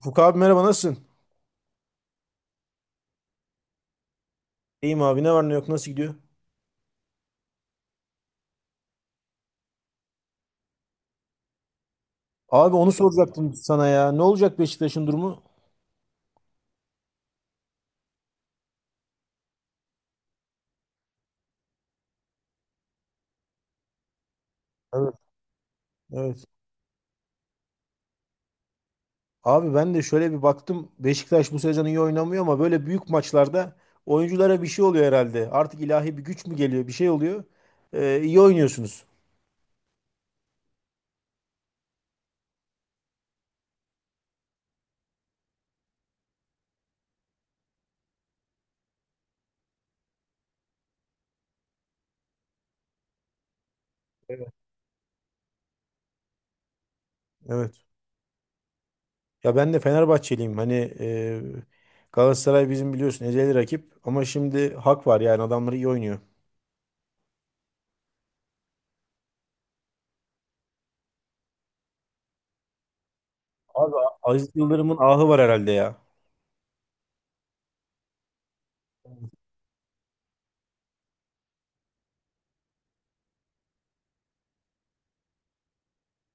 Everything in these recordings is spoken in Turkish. Furkan abi, merhaba, nasılsın? İyiyim abi, ne var ne yok, nasıl gidiyor? Abi onu soracaktım sana ya. Ne olacak Beşiktaş'ın durumu? Evet. Evet. Abi ben de şöyle bir baktım. Beşiktaş bu sezon iyi oynamıyor ama böyle büyük maçlarda oyunculara bir şey oluyor herhalde. Artık ilahi bir güç mü geliyor? Bir şey oluyor. İyi oynuyorsunuz. Evet. Evet. Ya ben de Fenerbahçeliyim. Hani e, Galatasaray bizim biliyorsun ezeli rakip. Ama şimdi hak var yani adamları iyi oynuyor. Abi Aziz Yıldırım'ın ahı var herhalde ya.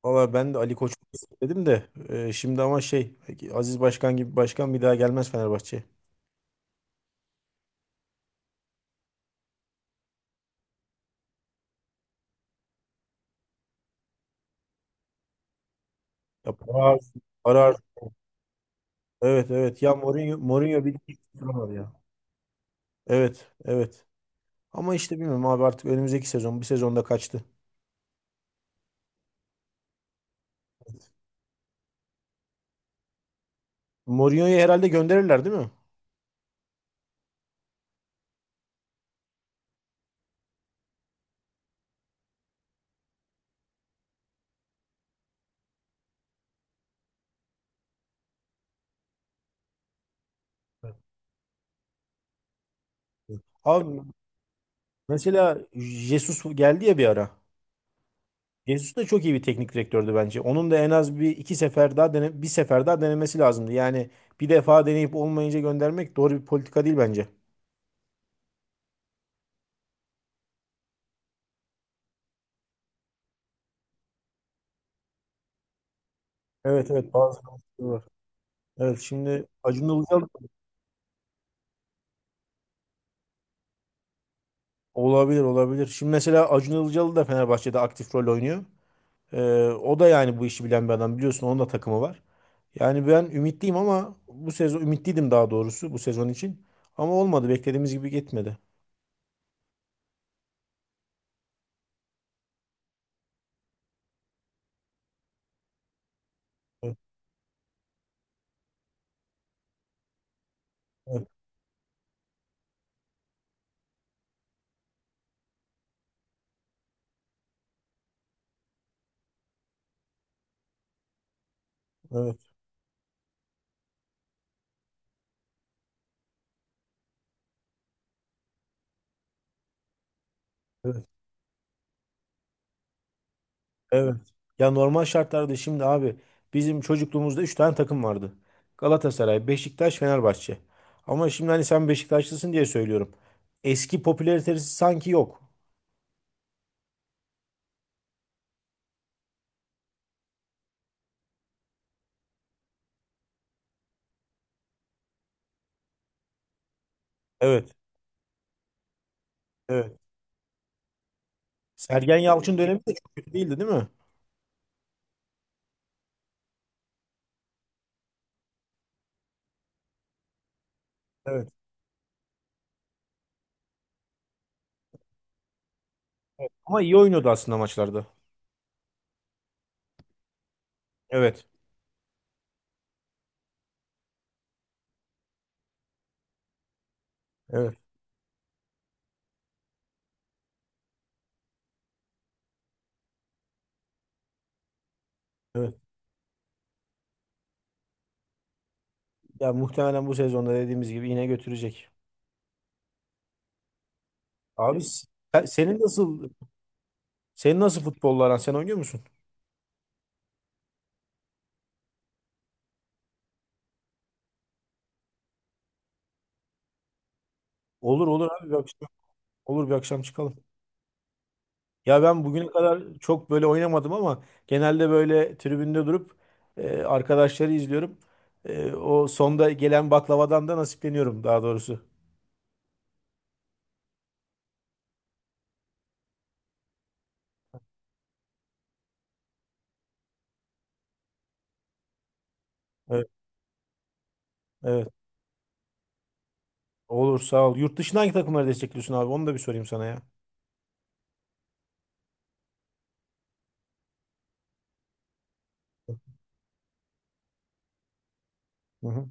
Valla ben de Ali Koç'u istedim de şimdi ama şey Aziz Başkan gibi başkan bir daha gelmez Fenerbahçe'ye. Ya para harcıyor, para harcıyor. Evet, evet. Ya Mourinho bir var ya. Evet, evet. Ama işte bilmiyorum abi, artık önümüzdeki sezon bir sezonda kaçtı. Mourinho'yu herhalde gönderirler, değil mi? Evet. Abi mesela Jesus geldi ya bir ara. Jesus da çok iyi bir teknik direktördü bence. Onun da en az bir iki sefer daha bir sefer daha denemesi lazımdı. Yani bir defa deneyip olmayınca göndermek doğru bir politika değil bence. Evet, evet, bazı kampları var. Evet, şimdi Acun Ilıcalı. Olabilir, olabilir. Şimdi mesela Acun Ilıcalı da Fenerbahçe'de aktif rol oynuyor. Ee, O da yani bu işi bilen bir adam, biliyorsun, onun da takımı var. Yani ben ümitliyim, ama bu sezon ümitliydim daha doğrusu, bu sezon için. Ama olmadı, beklediğimiz gibi gitmedi. Evet, evet, evet. Evet. Ya normal şartlarda, şimdi abi, bizim çocukluğumuzda 3 tane takım vardı. Galatasaray, Beşiktaş, Fenerbahçe. Ama şimdi, hani sen Beşiktaşlısın diye söylüyorum, eski popülaritesi sanki yok. Evet. Evet. Sergen Yalçın dönemi de çok kötü değildi, değil mi? Evet. Ama iyi oynuyordu aslında maçlarda. Evet. Evet. Evet. Ya muhtemelen bu sezonda dediğimiz gibi yine götürecek. Abi, sen- senin nasıl senin nasıl futbolla aran? Sen oynuyor musun? Olur olur abi, olur bir akşam çıkalım. Ya ben bugüne kadar çok böyle oynamadım, ama genelde böyle tribünde durup arkadaşları izliyorum. O sonda gelen baklavadan da nasipleniyorum, daha doğrusu. Evet, evet. Olur, sağ ol. Yurt dışından hangi takımları destekliyorsun abi? Onu da bir sorayım sana ya. Hı hı.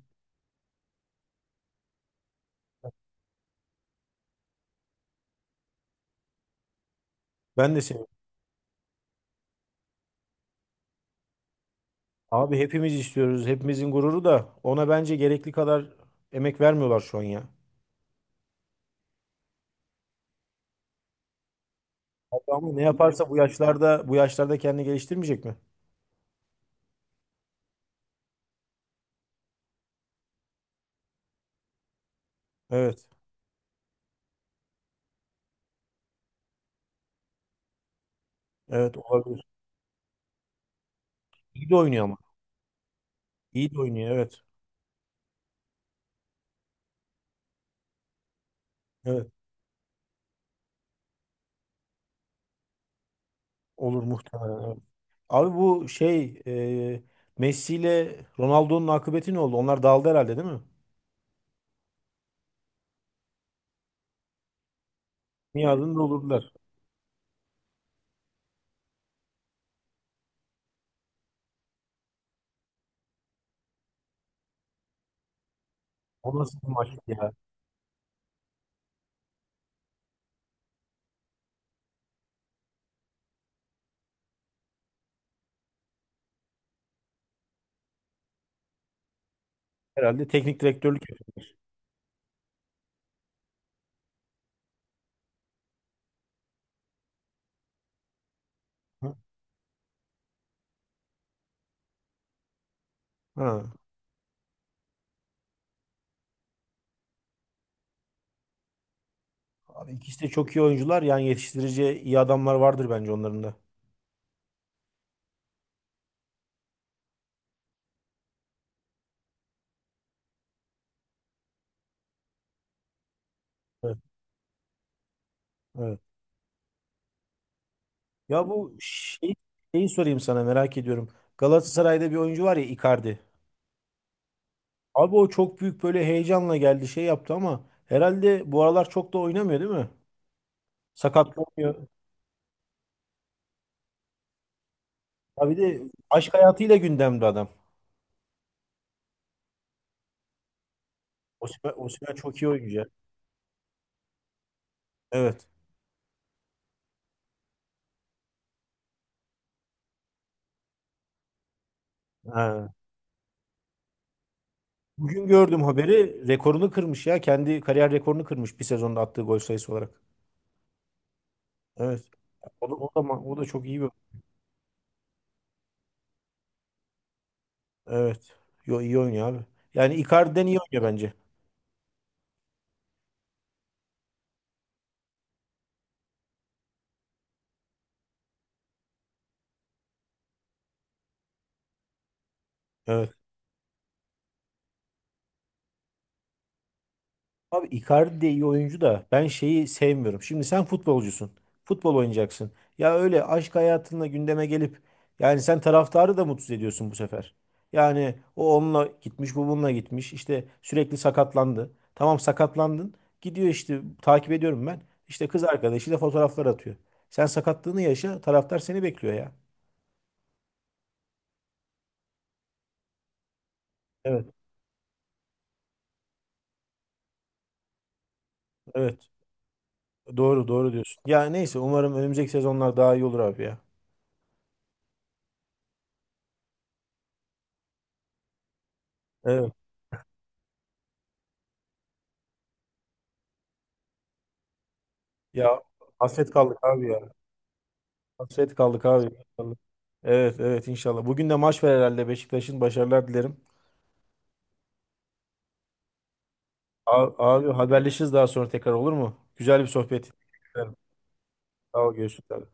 Ben de seviyorum. Abi hepimiz istiyoruz. Hepimizin gururu da, ona bence gerekli kadar emek vermiyorlar şu an ya. Abi ama ne yaparsa, bu yaşlarda bu yaşlarda kendini geliştirmeyecek mi? Evet. Evet, olabilir. İyi de oynuyor ama. İyi de oynuyor, evet. Evet. Olur muhtemelen. Evet. Abi bu şey, e, Messi ile Ronaldo'nun akıbeti ne oldu? Onlar dağıldı herhalde, değil mi? Miadını doldurdular. O nasıl bir maçtı ya? Herhalde teknik direktörlük yaptı. Ha. Abi ikisi de çok iyi oyuncular. Yani yetiştirici iyi adamlar vardır bence onların da. Evet. Evet. Ya şeyi sorayım sana, merak ediyorum. Galatasaray'da bir oyuncu var ya, Icardi. Abi o çok büyük böyle heyecanla geldi, şey yaptı, ama herhalde bu aralar çok da oynamıyor, değil mi? Sakatlanıyor. Ha bir de aşk hayatıyla gündemde adam. Osimhen çok iyi oyuncu ya. Evet. Ha. Bugün gördüm haberi. Rekorunu kırmış ya. Kendi kariyer rekorunu kırmış, bir sezonda attığı gol sayısı olarak. Evet. O da çok iyi bir. Evet. Yo, iyi oynuyor abi. Yani Icardi'den iyi oynuyor bence. Evet. Abi Icardi de iyi oyuncu da, ben şeyi sevmiyorum. Şimdi sen futbolcusun. Futbol oynayacaksın. Ya öyle aşk hayatınla gündeme gelip, yani sen taraftarı da mutsuz ediyorsun bu sefer. Yani o onunla gitmiş, bu bununla gitmiş. İşte sürekli sakatlandı. Tamam, sakatlandın. Gidiyor işte, takip ediyorum ben. İşte kız arkadaşıyla fotoğraflar atıyor. Sen sakatlığını yaşa, taraftar seni bekliyor ya. Evet, evet. Doğru, doğru diyorsun. Ya neyse, umarım önümüzdeki sezonlar daha iyi olur abi ya. Evet. Ya hasret kaldık abi ya. Hasret kaldık abi. İnşallah. Evet, evet, inşallah. Bugün de maç var herhalde. Beşiktaş'ın başarılar dilerim. Abi, haberleşiriz daha sonra tekrar, olur mu? Güzel bir sohbet. Sağ ol, görüşürüz abi.